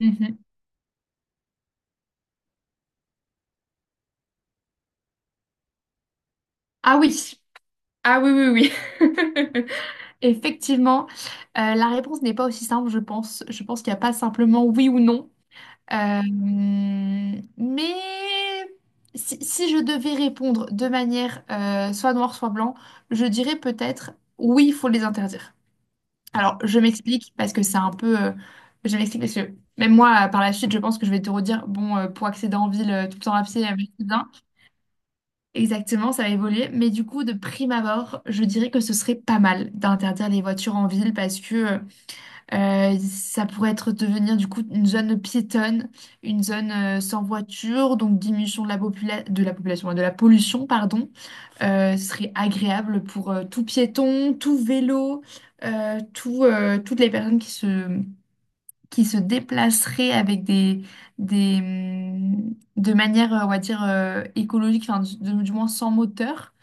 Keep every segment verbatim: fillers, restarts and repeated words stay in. Mhm. Ah oui, ah oui, oui, oui. Effectivement, euh, la réponse n'est pas aussi simple, je pense. Je pense qu'il n'y a pas simplement oui ou non. Euh, mais si, si je devais répondre de manière euh, soit noire, soit blanc, je dirais peut-être oui, il faut les interdire. Alors, je m'explique parce que c'est un peu... euh, je m'explique parce que même moi, euh, par la suite, je pense que je vais te redire, bon, euh, pour accéder en ville, euh, tout le temps à pied, euh, merci bien. Exactement, ça va évoluer. Mais du coup, de prime abord, je dirais que ce serait pas mal d'interdire les voitures en ville parce que euh, ça pourrait être devenir du coup une zone piétonne, une zone euh, sans voiture, donc diminution de la popula- de la population, de la pollution, pardon. Euh, ce serait agréable pour euh, tout piéton, tout vélo, euh, tout, euh, toutes les personnes qui se, qui se déplaceraient avec des, des, hum, de manière, euh, on va dire, euh, écologique, enfin, du du moins sans moteur.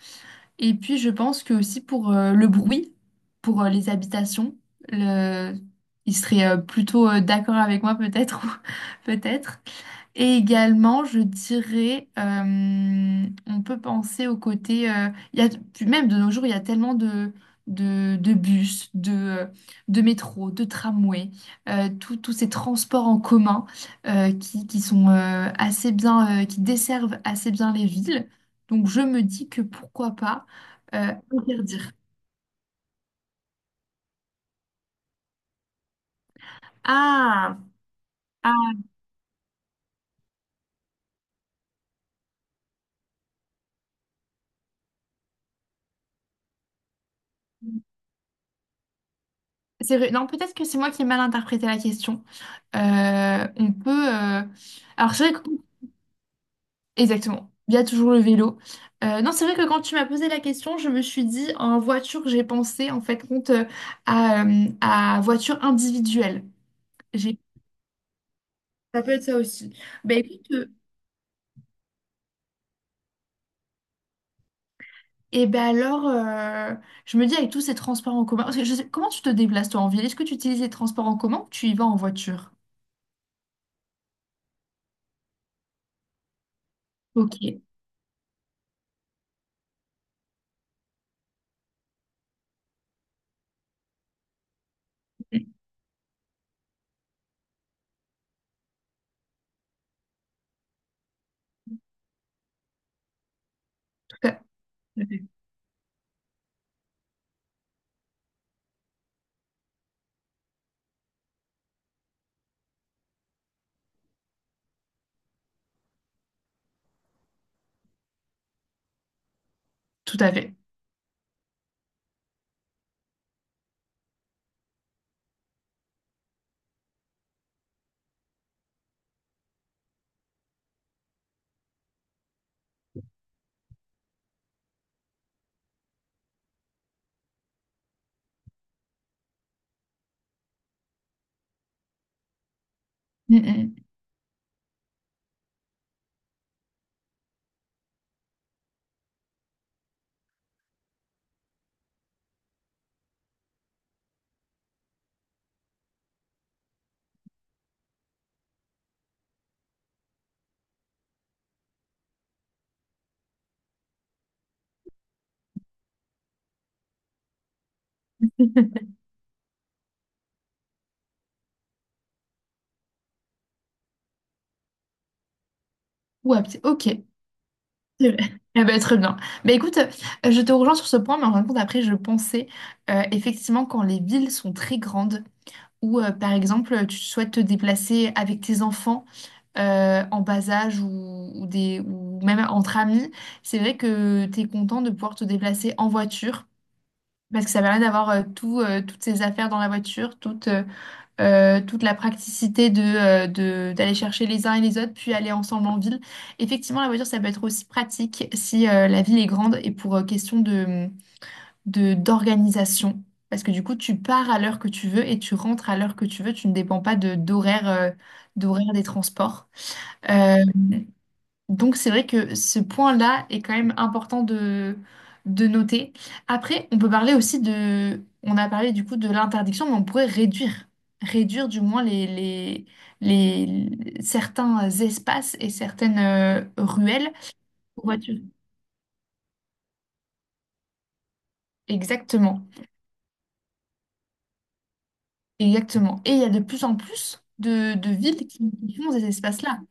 Et puis, je pense que aussi pour euh, le bruit, pour euh, les habitations, le... il serait euh, plutôt euh, d'accord avec moi peut-être, ou- peut-être. Et également, je dirais, euh, on peut penser au côté, euh, il y a, puis même de nos jours, il y a tellement de, de, de bus, de, de métro, de tramway, euh, tout- tous ces transports en commun euh, qui, qui sont euh, assez bien, euh, qui desservent assez bien les villes. Donc je me dis que pourquoi pas euh, interdire. Ah, ah, c'est vrai. Non, peut-être que c'est moi qui ai mal interprété la question. Euh, on peut. Euh, alors, c'est vrai que exactement. Il y a toujours le vélo. Euh, non, c'est vrai que quand tu m'as posé la question, je me suis dit en voiture, j'ai pensé en fait compte euh, à, euh, à voiture individuelle. J'ai... Ça peut être ça aussi. Ben écoute, euh, et ben alors, euh, je me dis avec tous ces transports en commun, parce que je sais- comment tu te déplaces toi en ville? Est-ce que tu utilises les transports en commun ou tu y vas en voiture? Ok. Mm. Tout à tout à fait. Tout à fait. Mm, mm. Ou à pied. Ok. C'est vrai. Ah bah, très bien. Bah, écoute, euh, je te rejoins sur ce point, mais en fin de compte, après, je pensais euh, effectivement quand les villes sont très grandes, ou euh, par exemple, tu souhaites te déplacer avec tes enfants euh, en bas âge ou, ou des, ou même entre amis, c'est vrai que tu es content de pouvoir te déplacer en voiture, parce que ça permet d'avoir euh, tout, euh, toutes ces affaires dans la voiture, euh, toute la praticité de, euh, de- d'aller chercher les uns et les autres, puis aller ensemble en ville. Effectivement, la voiture, ça peut être aussi pratique si euh, la ville est grande et pour euh, question de, de- d'organisation. Parce que du coup, tu pars à l'heure que tu veux et tu rentres à l'heure que tu veux. Tu ne dépends pas de, d'horaire, euh, d'horaire des transports. Euh, donc c'est vrai que ce point-là est quand même important de, de noter. Après, on peut parler aussi de... On a parlé du coup de l'interdiction, mais on pourrait réduire, réduire du moins les, les, les- certains espaces et certaines euh, ruelles aux voitures. Exactement, exactement. Et il y a de plus en plus de, de villes qui qui font ces espaces-là,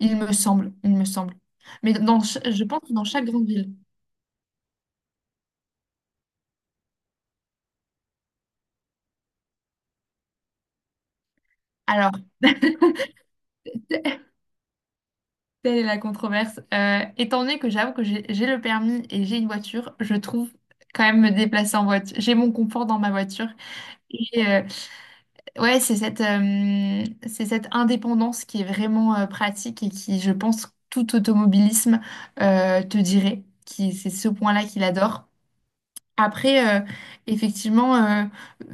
il me semble, il me semble. Mais dans, ch- je pense que dans chaque grande ville. Alors... Telle est la controverse. Euh, étant donné que j'avoue que j'ai j'ai le permis et j'ai une voiture, je trouve quand même me déplacer en voiture. J'ai mon confort dans ma voiture. Et euh, ouais, c'est cette, euh, c'est cette indépendance qui est vraiment euh, pratique et qui, je pense, tout automobilisme euh, te dirait. Qui, c'est ce point-là qu'il adore. Après, euh, effectivement, euh,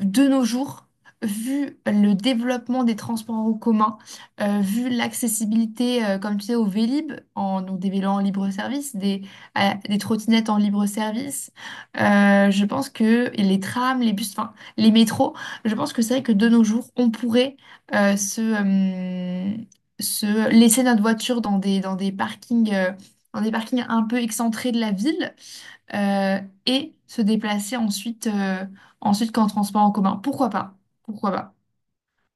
de nos jours, vu le développement des transports en commun, euh, vu l'accessibilité, euh, comme tu sais, au Vélib, en, donc des vélos en libre service, des, euh, des trottinettes en libre service, euh, je pense que et les trams, les bus, enfin les métros, je pense que c'est vrai que de nos jours, on pourrait euh, se, euh, se laisser notre voiture dans des, dans des parkings, euh, dans des parkings un peu excentrés de la ville euh, et se déplacer ensuite, euh, ensuite qu'en transport en commun. Pourquoi pas? Pourquoi pas?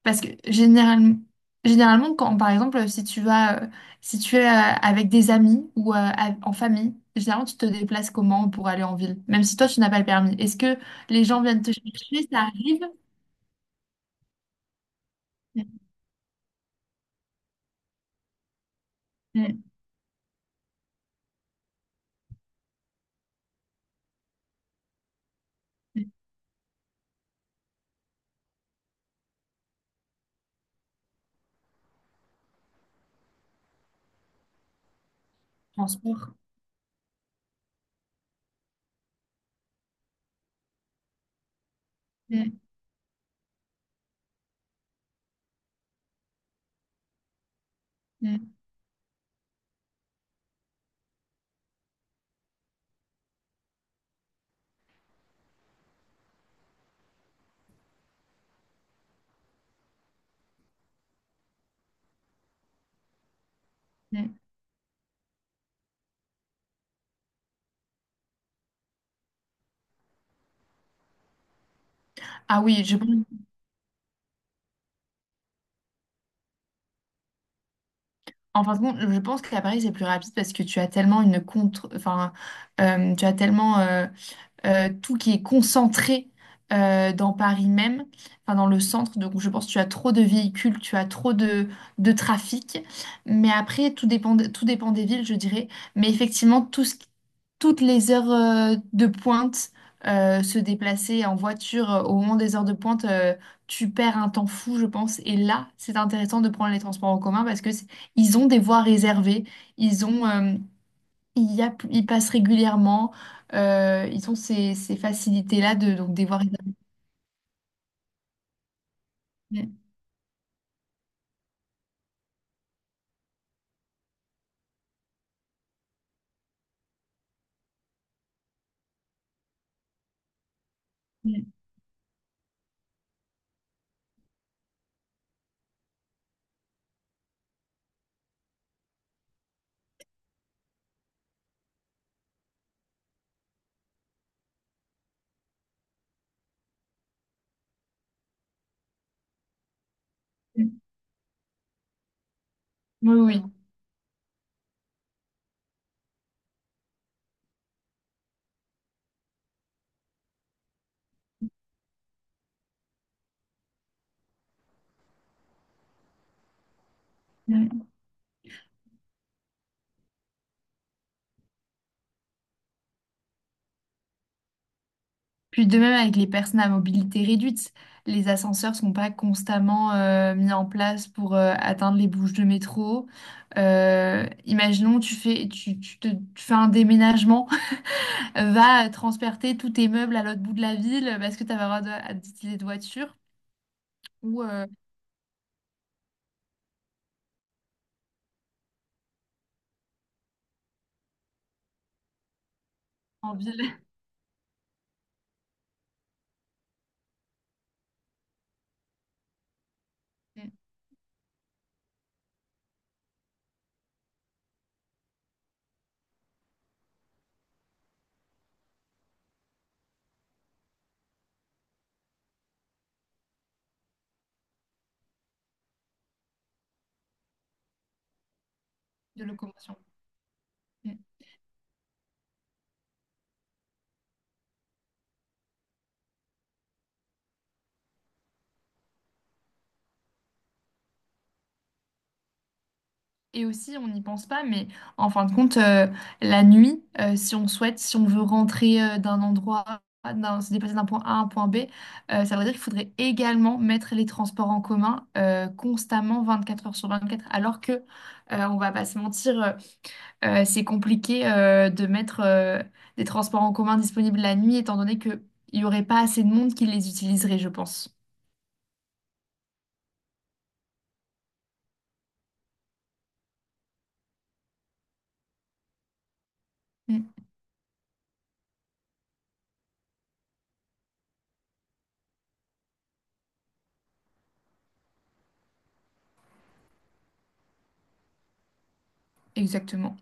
Parce que généralement, généralement quand, par exemple, si tu vas, euh, si tu es euh, avec des amis ou euh, a- en famille, généralement, tu te déplaces comment pour aller en ville, même si toi, tu n'as pas le permis. Est-ce que les gens viennent te chercher? Ça arrive? Mm, mm, mm. Transport. Mm, mm, mm. Ah oui, je pense, en fin de compte, je pense qu'à Paris, c'est plus rapide parce que tu as tellement une contre, enfin, euh, tu as tellement euh, euh, tout qui est concentré euh, dans Paris même, enfin dans le centre. Donc je pense que tu as trop de véhicules, tu as trop de, de trafic. Mais après, tout dépend, de- tout dépend des villes, je dirais. Mais effectivement, tout ce qui- toutes les heures euh, de pointe, euh, se déplacer en voiture euh, au moment des heures de pointe, euh, tu perds un temps fou, je pense. Et là, c'est intéressant de prendre les transports en commun parce que c'est- ils ont des voies réservées. Ils ont, euh, il y a, ils passent régulièrement. Euh, ils ont ces, ces facilités-là de donc des voies réservées. Mm, mm, mm. Oui, oui. Mm. Puis de même avec les personnes à mobilité réduite, les ascenseurs sont pas constamment euh, mis en place pour euh, atteindre les bouches de métro. Euh, imaginons, tu fais, tu, tu te- tu fais un déménagement, va transperter tous tes meubles à l'autre bout de la ville parce que tu n'as pas le droit de- d'utiliser de voiture ou euh, en ville de locomotion. Mm. Et aussi, on n'y pense pas, mais en fin de compte, euh, la nuit, euh, si on souhaite, si on veut rentrer euh, d'un endroit, d'un- se déplacer d'un point A à un point B, euh, ça veut dire qu'il faudrait également mettre les transports en commun euh, constamment vingt-quatre heures sur vingt-quatre. Alors que, euh, on va pas se mentir, euh, euh, c'est compliqué euh, de mettre euh, des transports en commun disponibles la nuit, étant donné qu'il n'y aurait pas assez de monde qui les utiliserait, je pense. Mm, exactement.